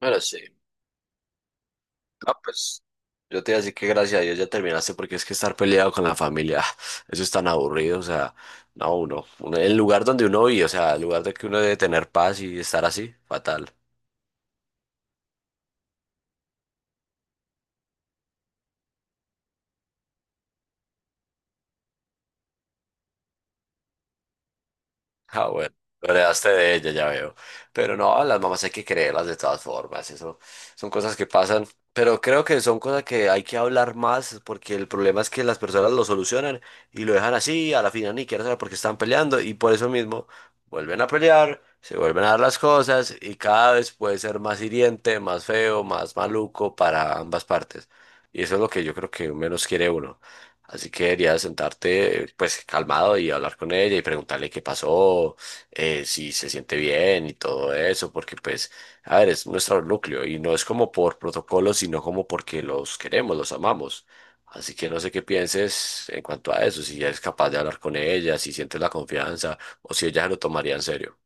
Bueno, sí. No, pues yo te iba a decir que gracias a Dios ya terminaste porque es que estar peleado con la familia, ah, eso es tan aburrido, o sea, no, el lugar donde uno vive, o sea, el lugar de que uno debe tener paz y estar así, fatal. Ah, bueno, lo heredaste de ella, ya veo. Pero no, a las mamás hay que creerlas de todas formas, eso son cosas que pasan, pero creo que son cosas que hay que hablar más porque el problema es que las personas lo solucionan y lo dejan así, a la final ni quieren saber por qué están peleando y por eso mismo vuelven a pelear, se vuelven a dar las cosas y cada vez puede ser más hiriente, más feo, más maluco para ambas partes. Y eso es lo que yo creo que menos quiere uno. Así que deberías sentarte pues calmado y hablar con ella y preguntarle qué pasó, si se siente bien y todo eso, porque pues, a ver, es nuestro núcleo y no es como por protocolo, sino como porque los queremos, los amamos. Así que no sé qué pienses en cuanto a eso, si eres capaz de hablar con ella, si sientes la confianza o si ella se lo tomaría en serio.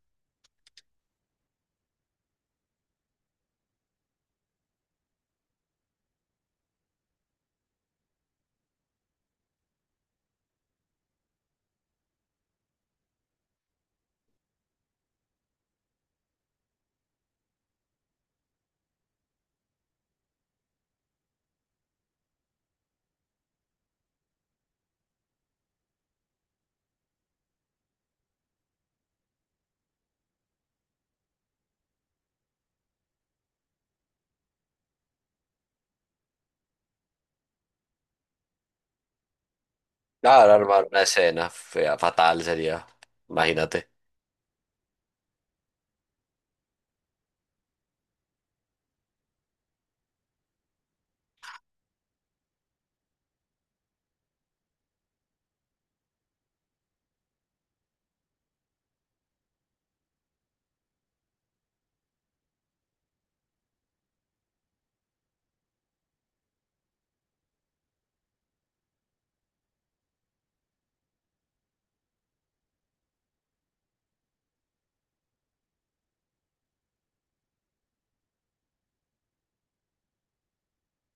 Claro, armar una escena fea, fatal sería, imagínate.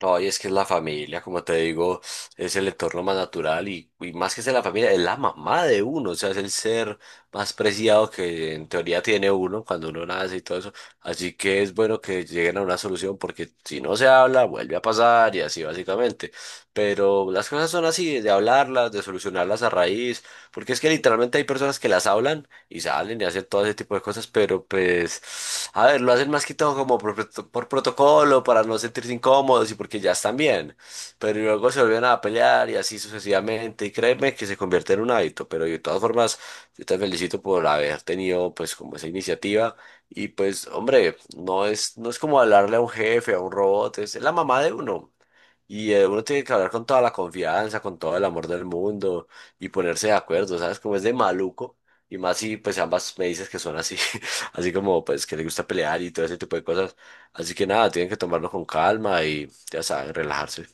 No, y es que es la familia, como te digo, es el entorno más natural y más que ser la familia, es la mamá de uno, o sea, es el ser más preciado que en teoría tiene uno cuando uno nace y todo eso. Así que es bueno que lleguen a una solución porque si no se habla, vuelve a pasar y así básicamente. Pero las cosas son así, de hablarlas, de solucionarlas a raíz, porque es que literalmente hay personas que las hablan y salen y hacen todo ese tipo de cosas, pero pues, a ver, lo hacen más que todo como por protocolo, para no sentirse incómodos y porque ya están bien, pero luego se vuelven a pelear y así sucesivamente, y créeme que se convierte en un hábito, pero de todas formas, yo te felicito por haber tenido pues como esa iniciativa y pues, hombre, no es como hablarle a un jefe, a un robot, es la mamá de uno. Y uno tiene que hablar con toda la confianza, con todo el amor del mundo y ponerse de acuerdo, ¿sabes? Como es de maluco. Y más si pues ambas me dices que son así, así como pues que le gusta pelear y todo ese tipo de cosas. Así que nada, tienen que tomarlo con calma y ya saben, relajarse.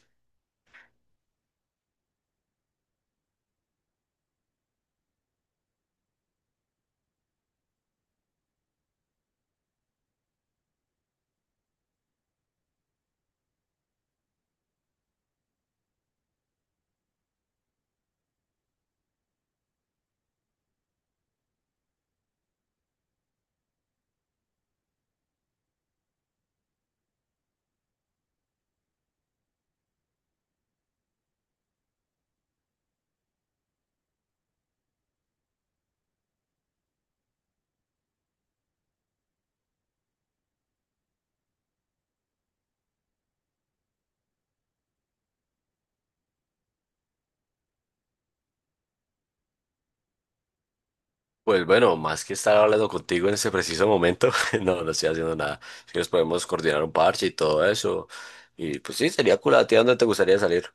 Pues bueno, más que estar hablando contigo en este preciso momento, no, no estoy haciendo nada. Si quieres podemos coordinar un parche y todo eso. Y pues sí, sería cool, ¿a ti a dónde te gustaría salir?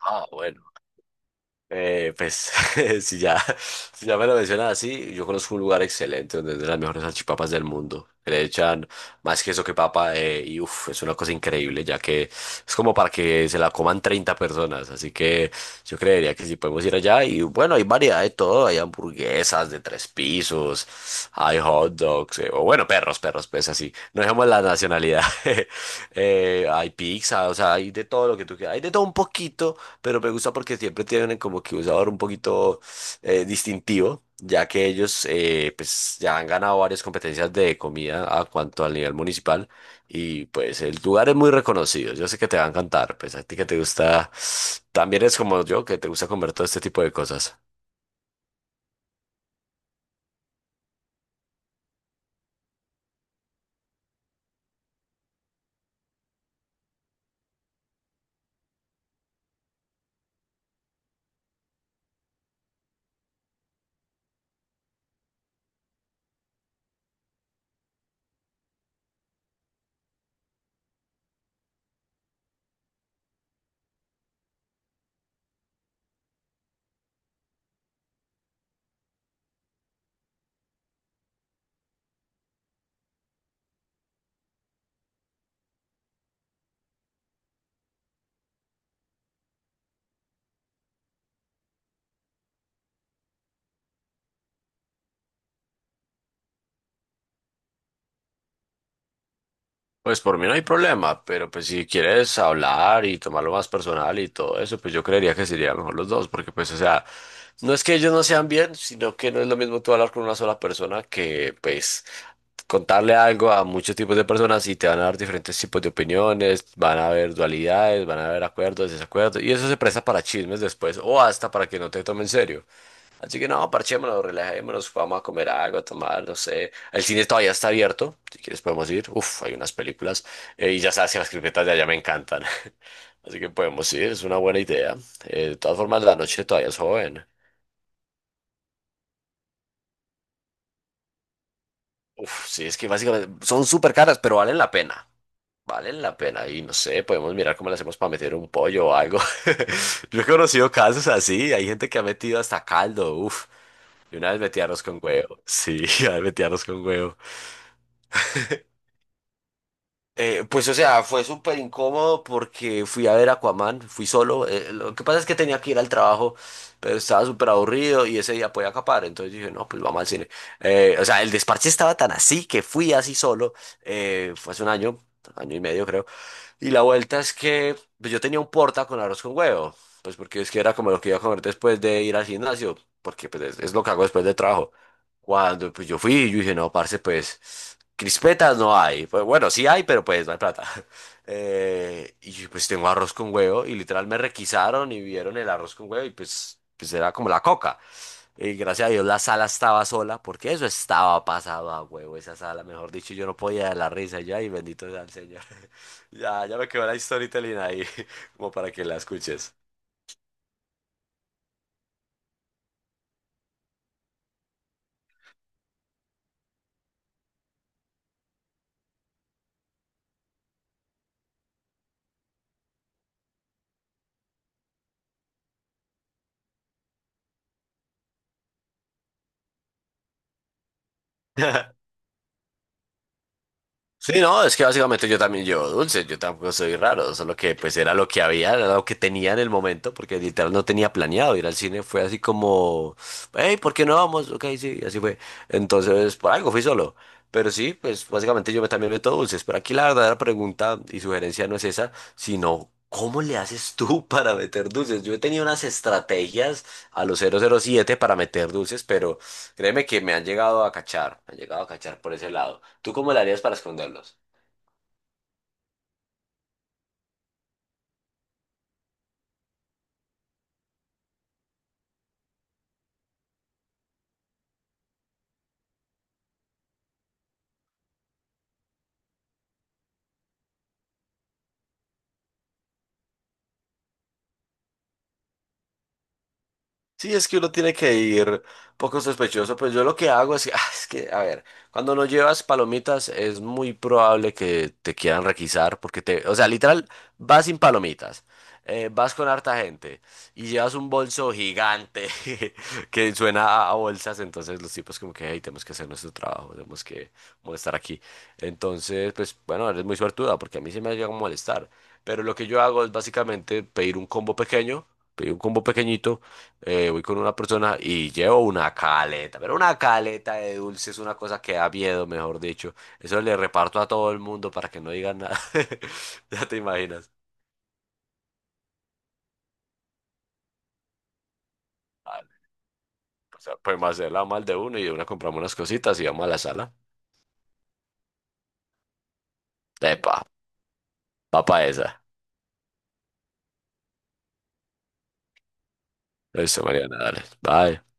Ah, bueno. Pues si ya, si ya me lo mencionas así, yo conozco un lugar excelente donde venden las mejores salchipapas del mundo. Que Le echan más queso que papa y uff, es una cosa increíble ya que es como para que se la coman 30 personas. Así que yo creería que si podemos ir allá y bueno, hay variedad de todo, hay hamburguesas de tres pisos, hay hot dogs, o bueno, perros, perros, pues así. No dejemos la nacionalidad. Hay pizza, o sea, hay de todo lo que tú quieras, hay de todo un poquito pero me gusta porque siempre tienen como que un sabor un poquito distintivo, ya que ellos pues ya han ganado varias competencias de comida a cuanto al nivel municipal y pues el lugar es muy reconocido, yo sé que te va a encantar, pues a ti que te gusta, también es como yo, que te gusta comer todo este tipo de cosas. Pues por mí no hay problema, pero pues si quieres hablar y tomarlo más personal y todo eso, pues yo creería que sería mejor los dos, porque pues o sea, no es que ellos no sean bien, sino que no es lo mismo tú hablar con una sola persona que pues contarle algo a muchos tipos de personas y te van a dar diferentes tipos de opiniones, van a haber dualidades, van a haber acuerdos, desacuerdos, y eso se presta para chismes después o hasta para que no te tomen en serio. Así que no, parchémonos, relajémonos, vamos a comer algo, a tomar, no sé. El cine todavía está abierto, si quieres podemos ir. Uf, hay unas películas. Y ya sabes que las cripetas de allá me encantan. Así que podemos ir, es una buena idea. De todas formas, la noche todavía es joven. Uf, sí, es que básicamente son súper caras, pero valen la pena. Valen la pena. Y no sé, podemos mirar cómo le hacemos para meter un pollo o algo. Yo he conocido casos así, hay gente que ha metido hasta caldo, uf. Y una vez metí arroz con huevo. Sí, una vez metí arroz con huevo. Pues, o sea, fue súper incómodo porque fui a ver Aquaman, fui solo. Lo que pasa es que tenía que ir al trabajo, pero estaba súper aburrido y ese día podía acapar. Entonces dije, no, pues vamos al cine. O sea, el desparche estaba tan así que fui así solo. Fue hace un año, año y medio creo. Y la vuelta es que pues, yo tenía un porta con arroz con huevo, pues porque es que era como lo que iba a comer después de ir al gimnasio, porque pues es lo que hago después de trabajo. Cuando pues yo fui, yo dije, no, parce, pues crispetas no hay. Pues bueno, sí hay, pero pues no hay plata. Y yo, pues tengo arroz con huevo y literal me requisaron y vieron el arroz con huevo y pues, pues era como la coca. Y gracias a Dios la sala estaba sola, porque eso estaba pasado a huevo, esa sala, mejor dicho, yo no podía de la risa, y yo, ay, bendito sea el Señor. Ya me quedó la storytelling ahí, como para que la escuches. Sí, no, es que básicamente yo también llevo dulces, yo tampoco soy raro, solo que pues era lo que había, era lo que tenía en el momento, porque literal no tenía planeado ir al cine, fue así como, hey, ¿por qué no vamos? Ok, sí, así fue. Entonces, por algo fui solo. Pero sí, pues básicamente yo también meto dulces, pero aquí la verdadera pregunta y sugerencia no es esa, sino ¿cómo le haces tú para meter dulces? Yo he tenido unas estrategias a los 007 para meter dulces, pero créeme que me han llegado a cachar, me han llegado a cachar por ese lado. ¿Tú cómo le harías para esconderlos? Sí, es que uno tiene que ir poco sospechoso. Pues yo lo que hago es que, es que, a ver, cuando no llevas palomitas es muy probable que te quieran requisar porque te, o sea, literal, vas sin palomitas, vas con harta gente y llevas un bolso gigante que suena a bolsas, entonces los tipos como que, hey, tenemos que hacer nuestro trabajo, tenemos que molestar aquí. Entonces, pues bueno, eres muy suertuda porque a mí se me llega a molestar. Pero lo que yo hago es básicamente pedir un combo pequeño, pedir un combo pequeñito voy con una persona y llevo una caleta, pero una caleta de dulce es una cosa que da miedo, mejor dicho. Eso le reparto a todo el mundo para que no digan nada. Ya te imaginas. Vale, o sea, podemos hacerla mal de uno y de una compramos unas cositas y vamos a la sala. Epa, va pa' esa. Eso, Mariana, dale. Bye.